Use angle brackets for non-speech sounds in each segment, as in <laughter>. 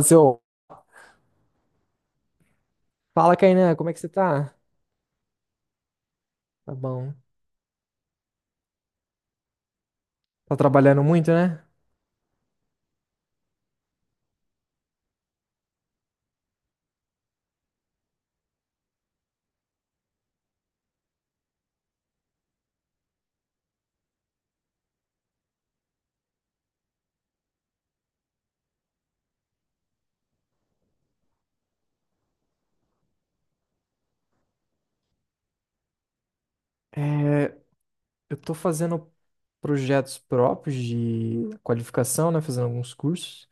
Seu, fala, Kainan, como é que você tá? Tá bom. Tá trabalhando muito, né? É, eu tô fazendo projetos próprios de qualificação, né? Fazendo alguns cursos.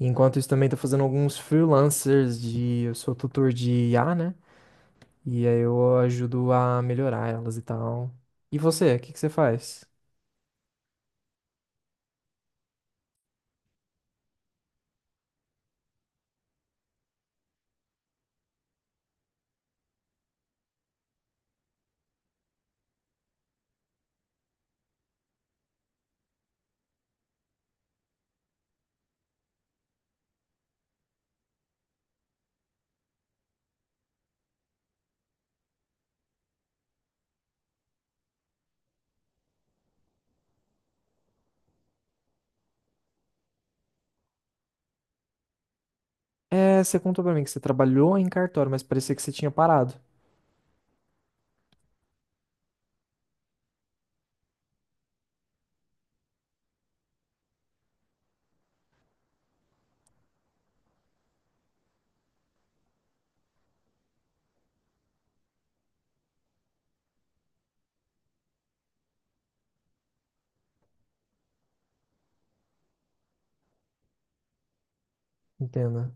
E enquanto isso, também tô fazendo alguns freelancers Eu sou tutor de IA, né? E aí eu ajudo a melhorar elas e tal. E você, o que que você faz? É, você contou pra mim que você trabalhou em cartório, mas parecia que você tinha parado. Entenda.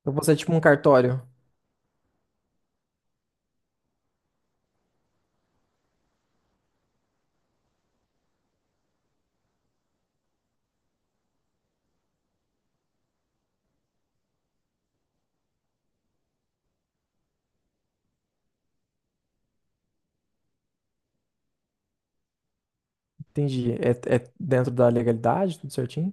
Então você é tipo um cartório. Entendi. É, é dentro da legalidade, tudo certinho?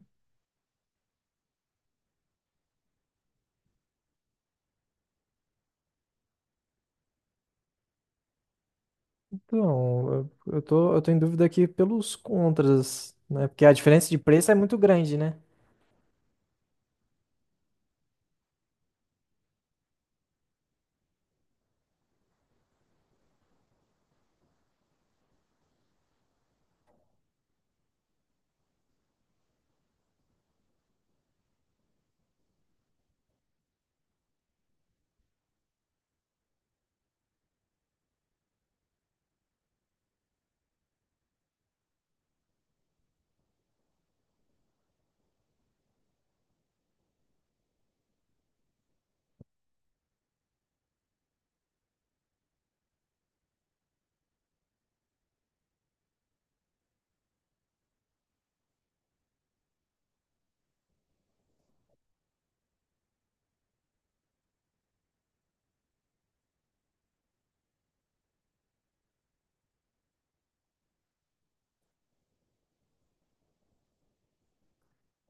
Então, eu tô em dúvida aqui pelos contras, né? Porque a diferença de preço é muito grande, né?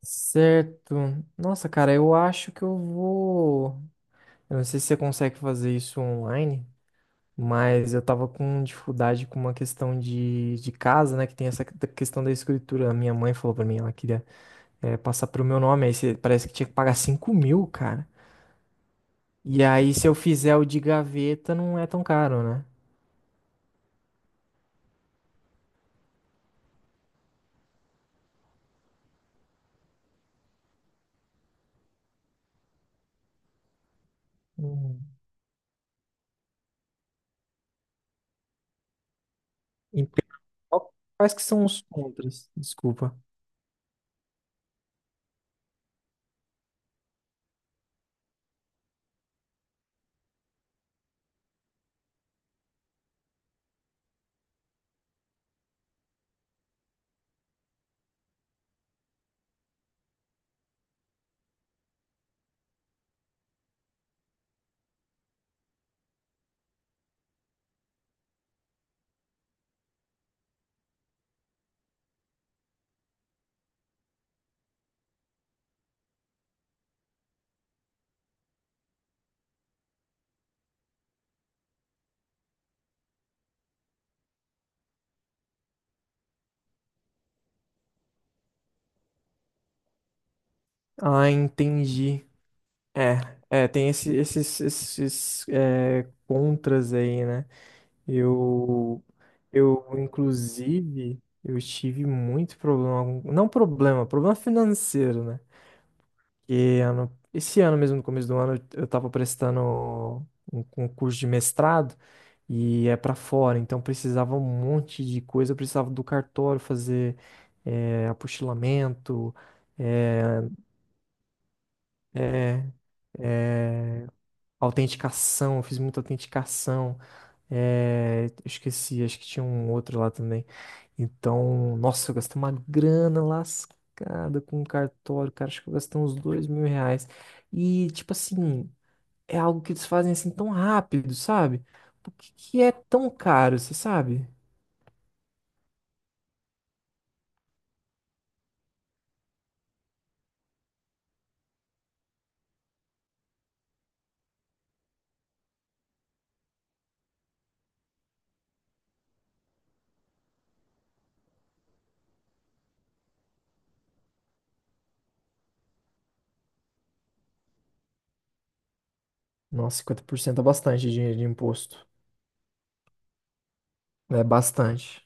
Certo. Nossa, cara, eu acho que eu vou. Eu não sei se você consegue fazer isso online, mas eu tava com dificuldade com uma questão de casa, né? Que tem essa questão da escritura. A minha mãe falou pra mim, ela queria passar pro meu nome, parece que tinha que pagar 5.000, cara. E aí, se eu fizer o de gaveta, não é tão caro, né? Hum. Quais que são os contras? Desculpa. Ah, entendi. É, é, tem esses, contras aí, né? Eu, eu, inclusive, eu tive muito problema, não problema, problema financeiro, né? Que ano, esse ano mesmo, no começo do ano, eu estava prestando um concurso de mestrado e é para fora, então precisava um monte de coisa, eu precisava do cartório fazer apostilamento, eh, autenticação, eu fiz muita autenticação, eu esqueci, acho que tinha um outro lá também. Então, nossa, eu gastei uma grana lascada com o cartório, cara, acho que eu gastei uns 2.000 reais. E, tipo assim, é algo que eles fazem assim tão rápido, sabe? Por que que é tão caro, você sabe? Nossa, 50% é bastante dinheiro de imposto. É bastante.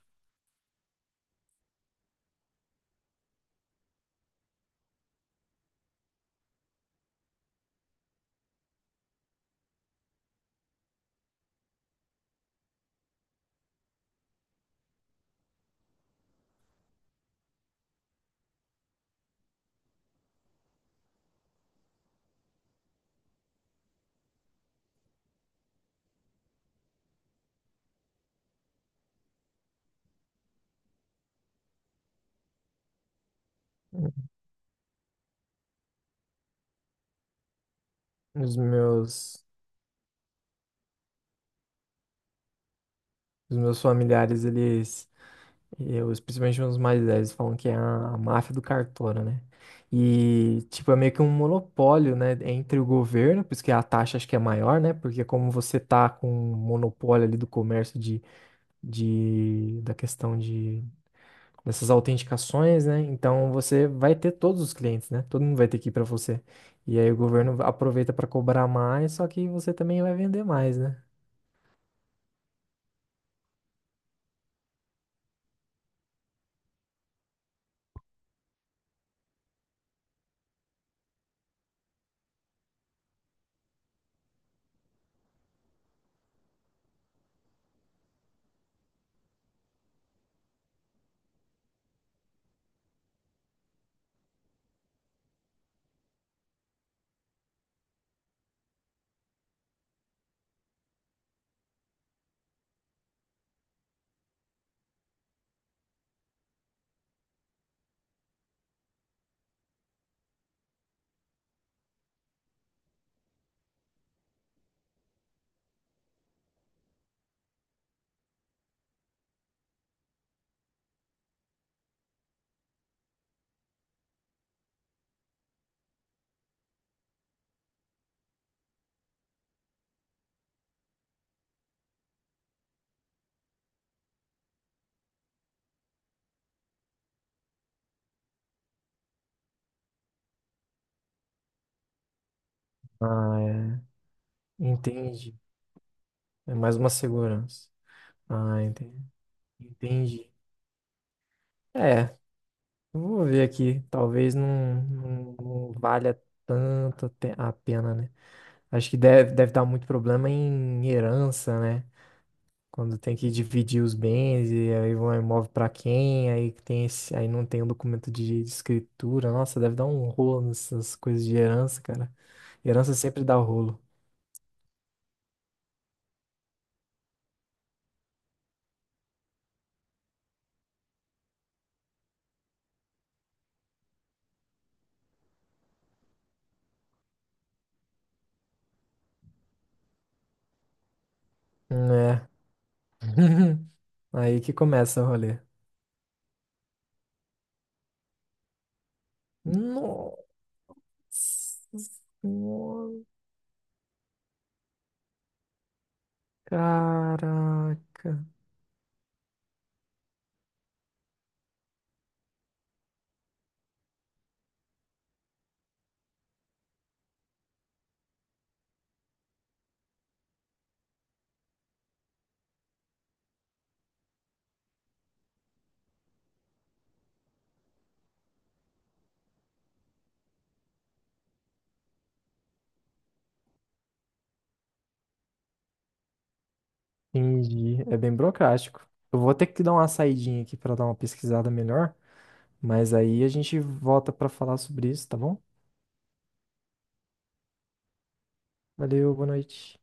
Os meus, os meus familiares, eles, eu, principalmente os mais velhos, falam que é a máfia do cartório, né? E, tipo, é meio que um monopólio, né, entre o governo, por isso que a taxa acho que é maior, né? Porque como você tá com um monopólio ali do comércio da questão de dessas autenticações, né? Então você vai ter todos os clientes, né? Todo mundo vai ter que ir para você. E aí o governo aproveita para cobrar mais, só que você também vai vender mais, né? Ah, é. Entendi. É mais uma segurança. Ah, entendi. Entendi. É, eu vou ver aqui. Talvez não, não, não valha a pena, né? Acho que deve dar muito problema em herança, né? Quando tem que dividir os bens e aí vão imóvel pra quem, aí que tem esse, aí não tem o documento de escritura. Nossa, deve dar um rolo nessas coisas de herança, cara. Herança sempre dá rolo. É. <laughs> Aí que começa o rolê. Nossa, senhora. Caraca. Entendi. É bem burocrático. Eu vou ter que dar uma saidinha aqui pra dar uma pesquisada melhor, mas aí a gente volta pra falar sobre isso, tá bom? Valeu, boa noite.